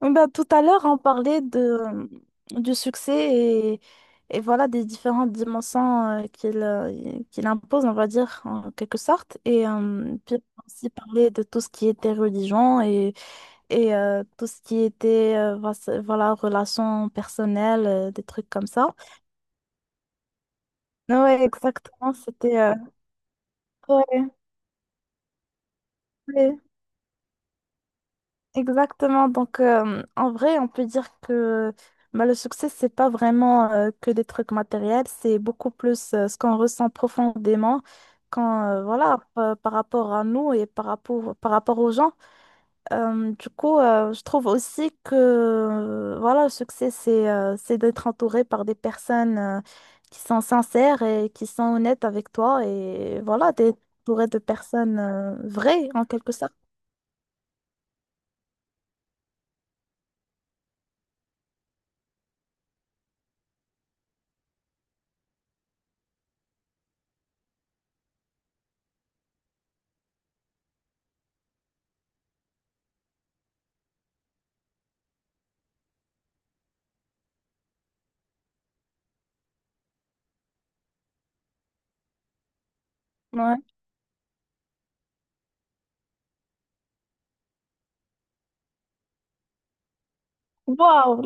Oui. Bah, tout à l'heure, on parlait du succès et, et voilà des différentes dimensions qu'il impose, on va dire, en quelque sorte. Et puis, on a aussi parlé de tout ce qui était religion tout ce qui était voilà, relations personnelles, des trucs comme ça. Ouais, exactement. C'était. Ouais, ouais. Exactement. Donc, en vrai, on peut dire que bah, le succès, c'est pas vraiment que des trucs matériels, c'est beaucoup plus ce qu'on ressent profondément quand, voilà, par rapport à nous et par rapport aux gens. Du coup, je trouve aussi que, voilà, le succès, c'est d'être entouré par des personnes qui sont sincères et qui sont honnêtes avec toi et voilà, d'être entouré de personnes vraies, en quelque sorte. Ouais. Waouh!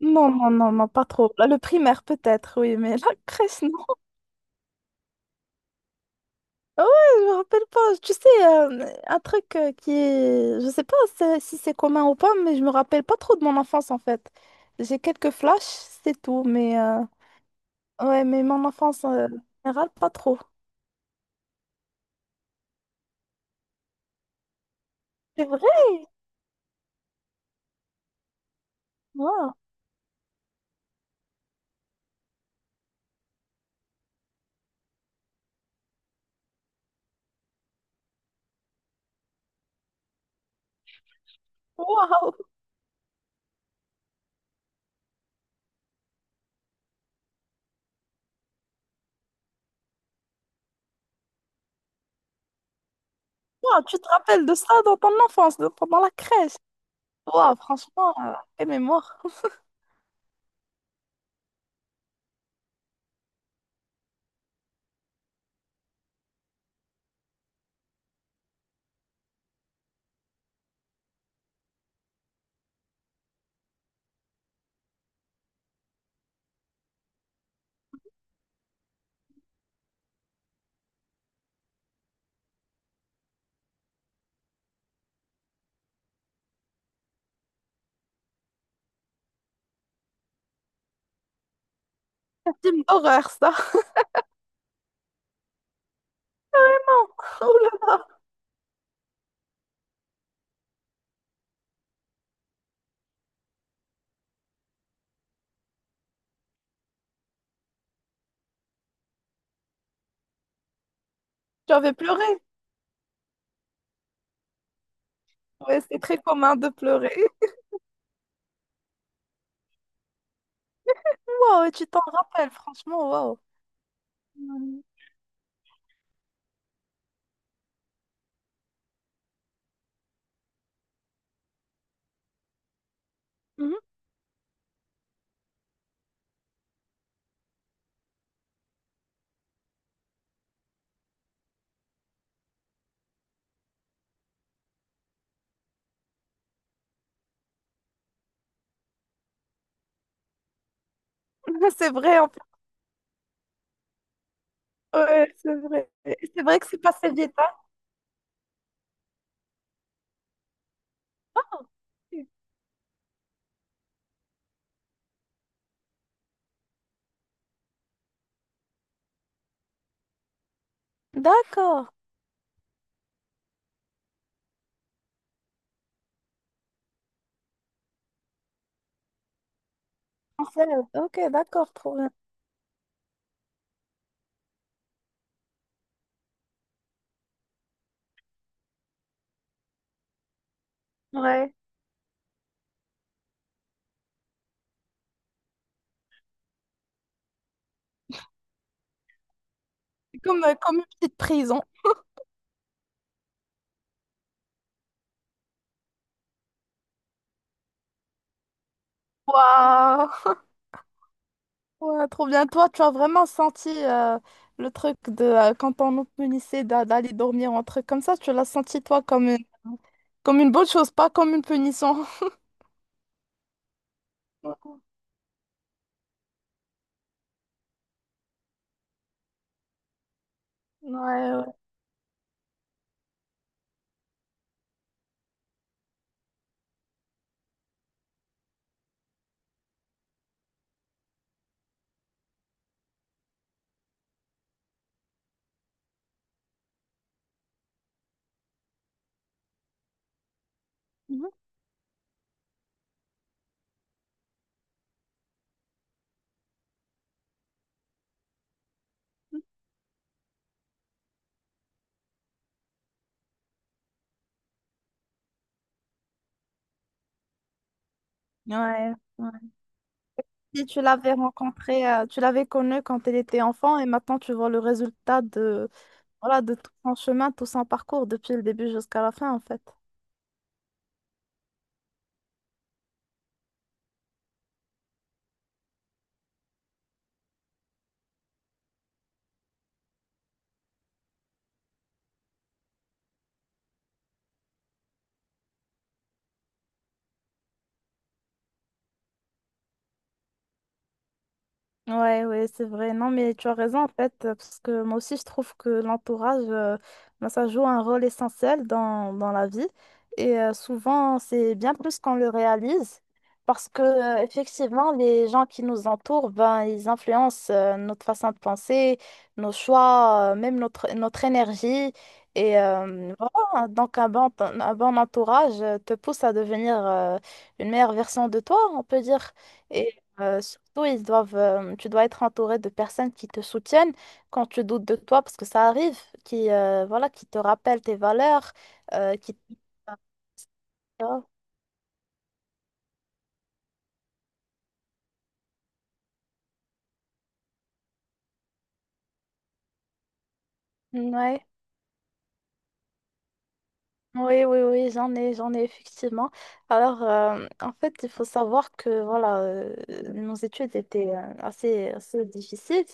Non, non, non, non, pas trop. Là, le primaire, peut-être, oui, mais la crèche, non. Ah ouais, je me rappelle pas. Tu sais, un truc qui est... Je sais pas si c'est commun ou pas, mais je me rappelle pas trop de mon enfance, en fait. J'ai quelques flashs, c'est tout, ouais, mais mon enfance, en général, pas trop. C'est vrai? Waouh! Waouh! Waouh, tu te rappelles de ça dans ton enfance, pendant la crèche? Waouh, franchement, quelle mémoire. C'est une horreur, ça. Oh là là, tu avais pleuré. Ouais, c'est très commun de pleurer. Wow, tu t'en rappelles, franchement, wow. Mhm. Mhm. C'est vrai, en fait. Ouais, c'est vrai. C'est vrai que c'est passé vite, hein. D'accord. En fait, ok, d'accord, trop bien. Ouais. C'est comme, comme une petite prison. Waouh! Ouais, trop bien. Toi, tu as vraiment senti le truc de quand on nous punissait d'aller dormir ou un truc comme ça, tu l'as senti toi comme une bonne chose, pas comme une punition. Ouais, ouais. Mhm. Ouais. Si tu l'avais rencontré, tu l'avais connu quand elle était enfant et maintenant tu vois le résultat de, voilà, de tout son chemin, tout son parcours depuis le début jusqu'à la fin en fait. Ouais, ouais, c'est vrai. Non, mais tu as raison en fait, parce que moi aussi je trouve que l'entourage, ben, ça joue un rôle essentiel dans la vie. Et souvent, c'est bien plus qu'on le réalise, parce que effectivement, les gens qui nous entourent, ben, ils influencent notre façon de penser, nos choix, même notre énergie. Et voilà, donc un bon entourage te pousse à devenir une meilleure version de toi, on peut dire. Surtout, tu dois être entouré de personnes qui te soutiennent quand tu doutes de toi, parce que ça arrive, qui, voilà, qui te rappellent tes valeurs, euh, qui... ah, ouais. Oui, oui, oui, j'en ai effectivement. Alors, en fait, il faut savoir que voilà, nos études étaient assez, assez difficiles.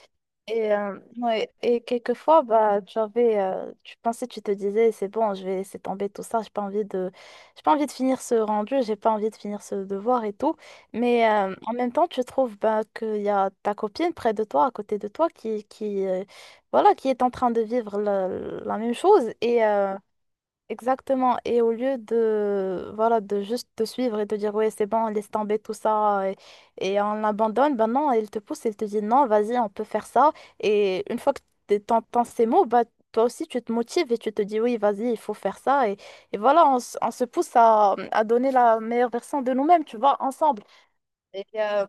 Et, ouais, et quelquefois, bah, tu avais, tu pensais, tu te disais, c'est bon, je vais laisser tomber tout ça, j'ai pas envie de finir ce rendu, j'ai pas envie de finir ce devoir et tout. Mais en même temps, tu trouves bah, qu'il y a ta copine près de toi, à côté de toi, voilà, qui est en train de vivre la, la même chose. Exactement. Et au lieu de, voilà, de juste te suivre et te dire, ouais, c'est bon, laisse tomber tout ça et on l'abandonne, ben non, elle te pousse, elle te dit, non, vas-y, on peut faire ça. Et une fois que t'entends ces mots, bah, toi aussi, tu te motives et tu te dis, oui, vas-y, il faut faire ça. Et voilà, on se pousse à donner la meilleure version de nous-mêmes, tu vois, ensemble. Et, euh,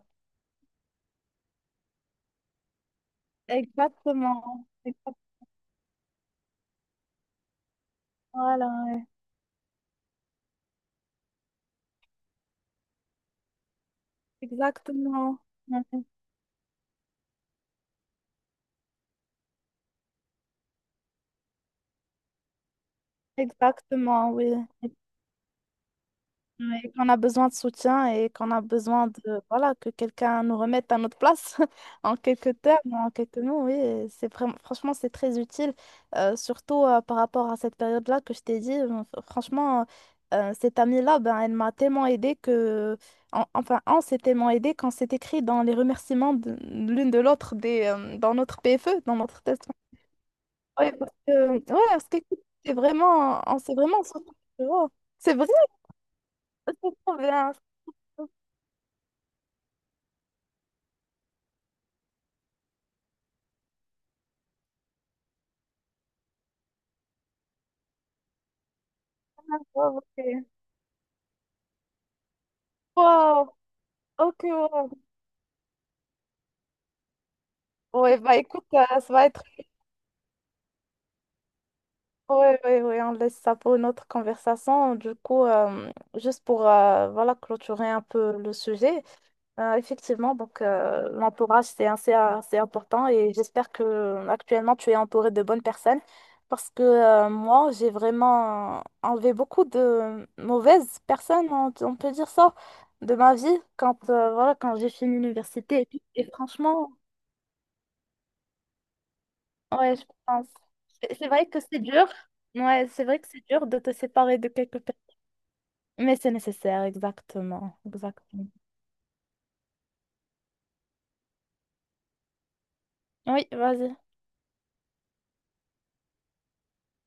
exactement. Voilà, ouais. Exactement. Ouais. Exactement, oui. Ouais, qu'on a besoin de soutien et qu'on a besoin de voilà que quelqu'un nous remette à notre place en quelques termes, en quelques mots, oui, et c'est vraiment franchement c'est très utile, surtout par rapport à cette période-là que je t'ai dit. Franchement, cette amie-là, ben, elle m'a tellement aidée que enfin on s'est tellement aidé qu'on s'est écrit dans les remerciements l'une de l'autre des dans notre PFE, dans notre test. Ouais, parce que c'est vraiment on s'est vraiment oh, c'est vrai, c'est trop bien. Oh, ok. Wow, ok, wow. Ouais, bah écoute, ça va être. Ouais, ouais, ouais, on laisse ça pour une autre conversation. Du coup, juste pour voilà, clôturer un peu le sujet, effectivement, donc l'entourage, c'est assez, assez important et j'espère que actuellement tu es entouré de bonnes personnes parce que moi, j'ai vraiment enlevé beaucoup de mauvaises personnes, on peut dire ça, de ma vie quand, voilà, quand j'ai fini l'université. Et, tout. Et franchement, ouais, je pense. C'est vrai que c'est dur. Ouais, c'est vrai que c'est dur de te séparer de quelques personnes. Mais c'est nécessaire, exactement. Exactement. Oui, vas-y.